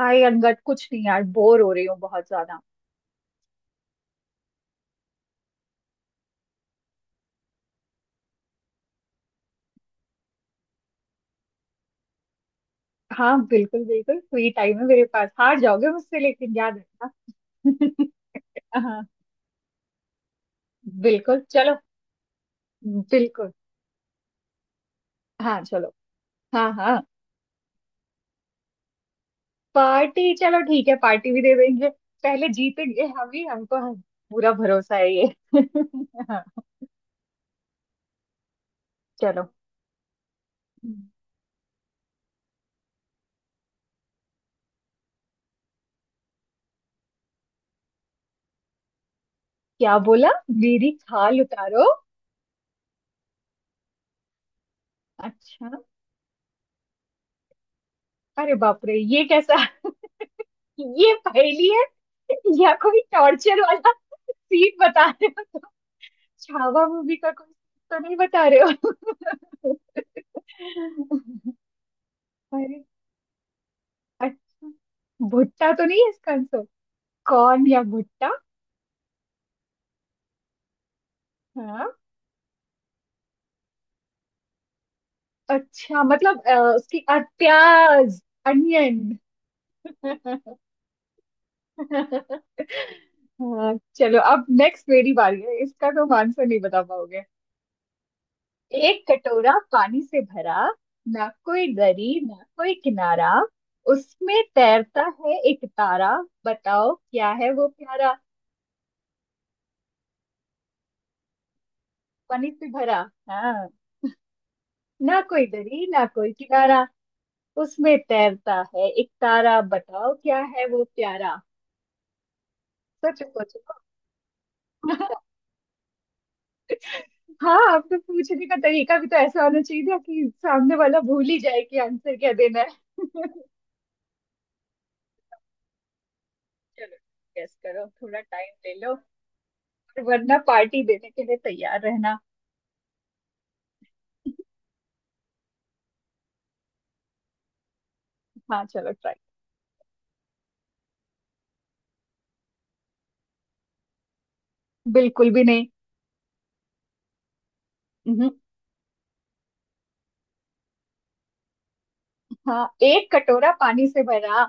हाय अनगत। कुछ नहीं यार, बोर हो रही हूँ बहुत ज्यादा। हाँ बिल्कुल बिल्कुल, फ्री टाइम है मेरे पास। हार जाओगे मुझसे, लेकिन याद रखना। हाँ बिल्कुल चलो। बिल्कुल। हाँ चलो। हाँ हाँ। पार्टी चलो ठीक है, पार्टी भी दे देंगे। पहले जीतेंगे हम ही, हमको पूरा भरोसा है ये। हाँ चलो। क्या बोला? मेरी खाल उतारो? अच्छा। अरे बाप रे ये कैसा। ये पहेली है या कोई टॉर्चर वाला सीन बता रहे हो तो? छावा मूवी का कोई scene तो नहीं बता रहे हो? अरे। अच्छा। भुट्टा तो नहीं है इसका आंसर? कॉर्न या भुट्टा? हाँ। अच्छा मतलब उसकी प्याज। अनियन। हाँ चलो, अब नेक्स्ट मेरी बारी है। इसका तो आंसर नहीं बता पाओगे। एक कटोरा पानी से भरा, ना कोई दरी ना कोई किनारा, उसमें तैरता है एक तारा, बताओ क्या है वो प्यारा। पानी से भरा। हाँ। ना कोई दरी ना कोई किनारा, उसमें तैरता है एक तारा, बताओ क्या है वो प्यारा। सोचो सोचो। हाँ, आपको पूछने का तरीका भी तो ऐसा होना चाहिए ना, कि सामने वाला भूल ही जाए कि आंसर क्या देना है। चलो गेस करो, थोड़ा टाइम ले लो, और वरना पार्टी देने के लिए तैयार रहना। हाँ चलो ट्राई। बिल्कुल भी नहीं। हम्म, हाँ एक कटोरा पानी से भरा।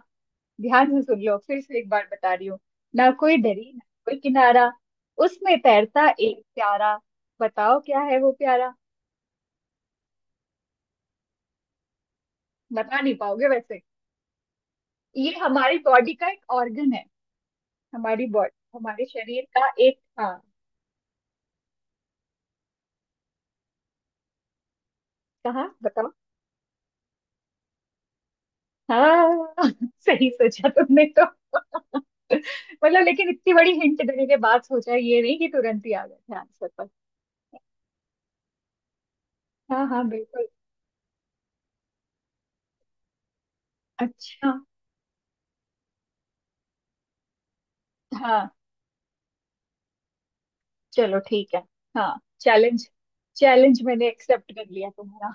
ध्यान से सुन लो, फिर से एक बार बता रही हूँ। ना कोई दरी ना कोई किनारा, उसमें तैरता एक प्यारा, बताओ क्या है वो प्यारा। बता नहीं पाओगे वैसे। ये हमारी बॉडी का एक ऑर्गन है। हमारी बॉडी, हमारे शरीर का एक, हाँ। कहाँ बताओ। हाँ सही सोचा तुमने तो। मतलब लेकिन इतनी बड़ी हिंट देने के बाद सोचा ये नहीं, कि तुरंत ही आ गया ध्यान से पर। हाँ हाँ बिल्कुल। अच्छा। हाँ चलो ठीक है। हाँ चैलेंज। चैलेंज मैंने एक्सेप्ट कर लिया तुम्हारा।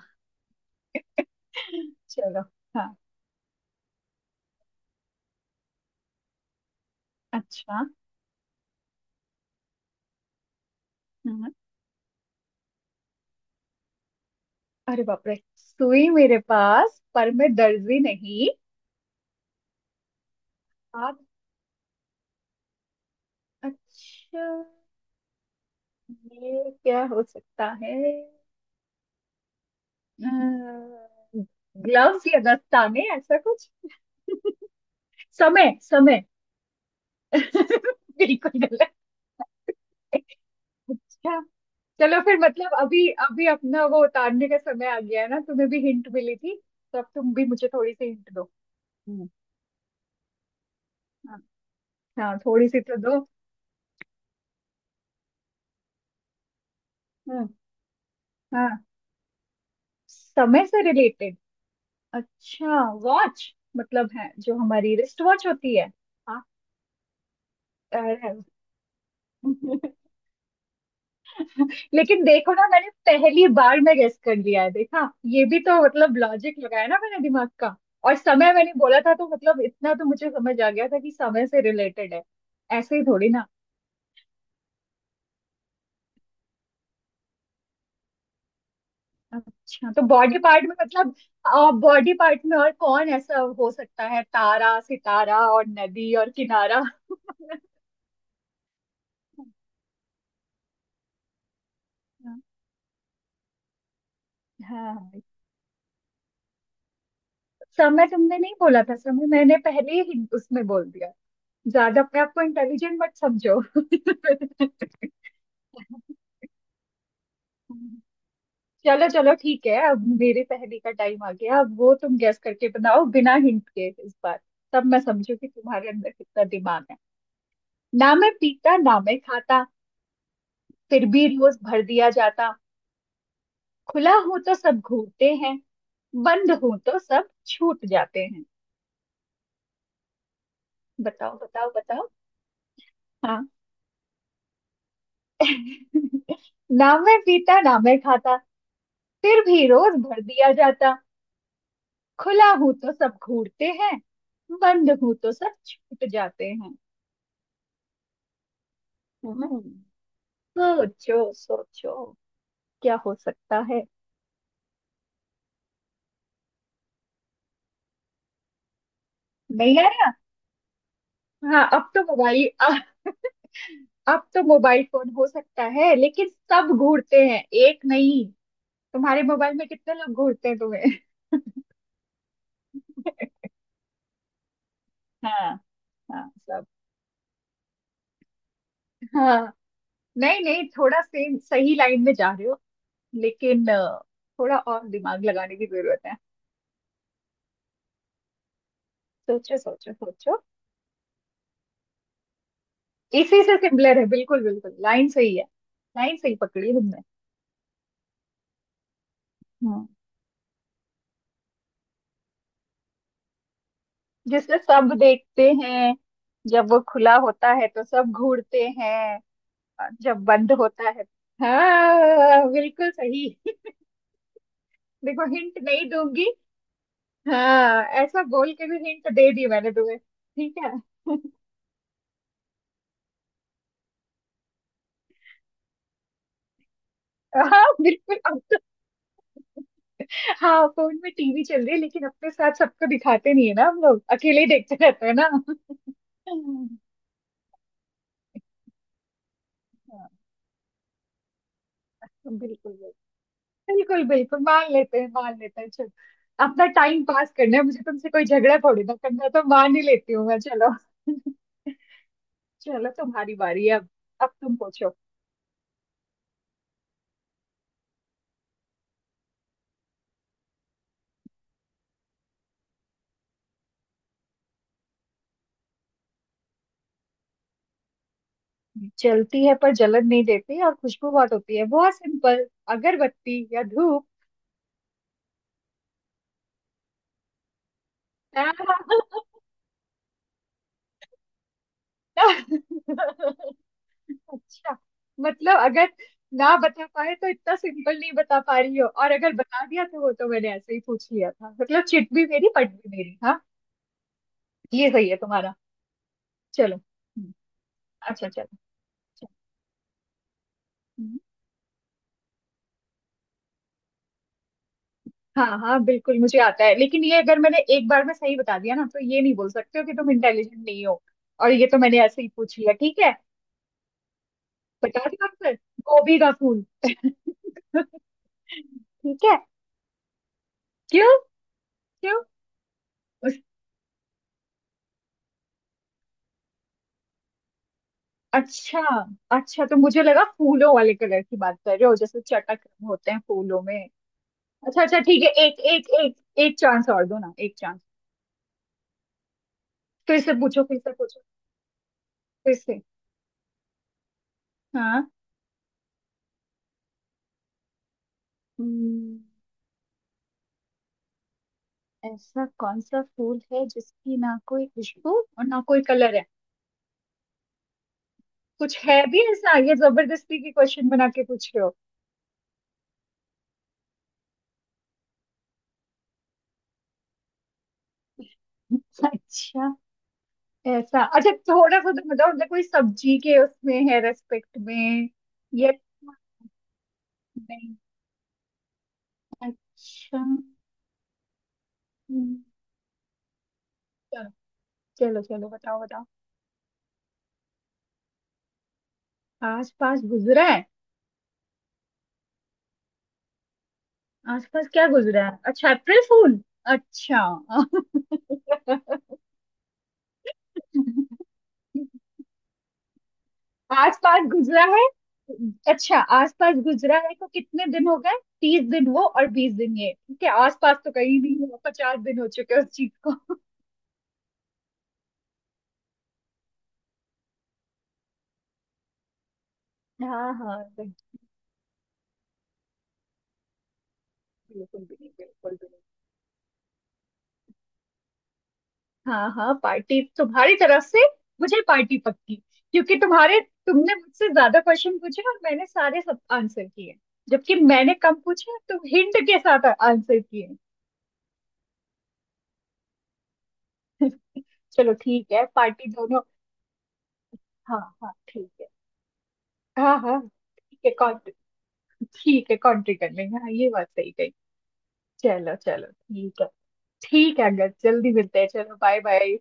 चलो। हाँ। अच्छा। हम्म, अरे बाप रे, सुई मेरे पास पर मैं दर्जी नहीं। आप। अच्छा ये क्या हो सकता है। ग्लव्स या दस्ताने ऐसा कुछ। समय समय। बिल्कुल गलत। अच्छा। चलो फिर मतलब, अभी अभी अपना वो उतारने का समय आ गया है ना, तुम्हें भी हिंट मिली थी, तो अब तुम भी मुझे थोड़ी सी हिंट दो। हम्म, हाँ। हाँ, थोड़ी सी तो दो। हम्म, हाँ समय से रिलेटेड। अच्छा वॉच मतलब है, जो हमारी रिस्ट वॉच होती है। हाँ। अ, लेकिन देखो ना, मैंने पहली बार में गेस कर लिया है देखा। ये भी तो मतलब लॉजिक लगाया ना मैंने दिमाग का। और समय मैंने बोला था, तो मतलब इतना तो मुझे समझ आ गया था कि समय से रिलेटेड है। ऐसे ही थोड़ी ना। अच्छा तो बॉडी पार्ट में, मतलब बॉडी पार्ट में और कौन ऐसा हो सकता है? तारा सितारा और नदी और किनारा। हाँ। हाँ। समय तुमने नहीं बोला था, समय मैंने पहले ही उसमें बोल दिया। ज्यादा अपने आप को इंटेलिजेंट मत समझो। चलो चलो ठीक है, अब मेरी पहेली का टाइम आ गया, अब वो तुम गेस करके बनाओ बिना हिंट के इस बार। तब मैं समझू कि तुम्हारे अंदर कितना दिमाग है। ना मैं पीता ना मैं खाता, फिर भी रोज भर दिया जाता। खुला हो तो सब घूमते हैं, बंद हो तो सब छूट जाते हैं। बताओ बताओ बताओ। हाँ। ना मैं पीता ना मैं खाता, फिर भी रोज भर दिया जाता। खुला हूं तो सब घूरते हैं, बंद हूं तो सब छूट जाते हैं। हम्म, सोचो सोचो, क्या हो सकता है। नहीं आया। हाँ अब तो मोबाइल अब तो मोबाइल फोन हो सकता है, लेकिन सब घूरते हैं, एक नहीं। तुम्हारे मोबाइल में कितने लोग घूरते हैं तुम्हें? हाँ। हाँ सब। हाँ। नहीं नहीं, थोड़ा सेम सही लाइन में जा रहे हो, लेकिन थोड़ा और दिमाग लगाने की जरूरत है। सोचो सोचो सोचो। इसी से सिमिलर है, बिल्कुल बिल्कुल लाइन सही है। लाइन सही पकड़ी तुमने। हम्म। जिसे सब देखते हैं, जब वो खुला होता है तो सब घूरते हैं, और जब बंद होता है। हाँ बिल्कुल सही। देखो हिंट नहीं दूंगी। हाँ ऐसा बोल के भी हिंट दे दी मैंने तुम्हें, ठीक है। हाँ बिल्कुल अब तो। हाँ, फोन में टीवी चल रही है, लेकिन अपने साथ सबको दिखाते नहीं है ना, हम लोग अकेले ही देखते रहते हैं ना, हाँ। बिल्कुल बिल्कुल। बिल्कुल बिल्कुल मान लेते हैं, मान लेते हैं चलो। अपना टाइम पास करना है मुझे, तुमसे कोई झगड़ा थोड़ी ना करना है, तो मान ही लेती हूँ मैं चलो। चलो तुम्हारी बारी है अब। अब तुम पूछो। जलती है पर जलन नहीं देती और खुशबू बहुत होती है, बहुत सिंपल। अगरबत्ती या धूप। अच्छा, मतलब अगर ना बता पाए तो इतना सिंपल नहीं बता पा रही हो, और अगर बता दिया तो वो तो मैंने ऐसे ही पूछ लिया था, मतलब चिट भी मेरी पट भी मेरी। हाँ। ये सही है तुम्हारा। चलो। अच्छा चलो। चलो। हम्म, हाँ हाँ बिल्कुल मुझे आता है, लेकिन ये अगर मैंने एक बार में सही बता दिया ना, तो ये नहीं बोल सकते हो कि तुम इंटेलिजेंट नहीं हो। और ये तो मैंने ऐसे ही पूछ लिया, ठीक है। पटाखे का आंसर। गोभी का फूल। ठीक है। क्यों? क्यों? उस, अच्छा, अच्छा तो मुझे लगा फूलों वाले कलर की बात कर रहे हो, जैसे चटक होते हैं फूलों में। अच्छा अच्छा ठीक है, एक एक एक, एक चांस और दो ना, एक चांस। फिर से पूछो, फिर से पूछो, फिर से। हाँ। हम्म। ऐसा कौन सा फूल है जिसकी ना कोई खुशबू और ना कोई कलर है? कुछ है भी ऐसा, ये जबरदस्ती की क्वेश्चन बना के पूछ रहे हो? अच्छा। ऐसा अच्छा, थोड़ा सा तो बताओ, मतलब कोई सब्जी के उसमें है रेस्पेक्ट में? ये नहीं। अच्छा। हम्म, चलो चलो चलो, बताओ बताओ। आस पास गुजरा है। आस पास क्या गुजरा है? अच्छा, अप्रैल फूल। अच्छा। आस पास गुजरा है। अच्छा आस पास गुजरा है तो कितने दिन हो गए? 30 दिन वो और 20 दिन ये, ठीक है आस पास तो कहीं नहीं है, 50 दिन हो चुके हैं उस चीज को। हाँ हाँ बिल्कुल। बिल्कुल बिल्कुल बिल्कुल। हाँ हाँ, पार्टी तुम्हारी तरफ से, मुझे पार्टी पक्की, क्योंकि तुम्हारे तुमने मुझसे ज्यादा क्वेश्चन पूछे और मैंने सारे सब आंसर किए। जबकि मैंने कम पूछे, तुम हिंट के साथ आंसर किए। चलो ठीक है पार्टी दोनों। हाँ हाँ ठीक है। हाँ हाँ। ठीक है कॉन्ट्री। ठीक है कॉन्ट्री कर लेंगे, हाँ ये बात सही कही। चलो चलो ठीक है। ठीक है अंगद, जल्दी मिलते हैं, चलो बाय बाय।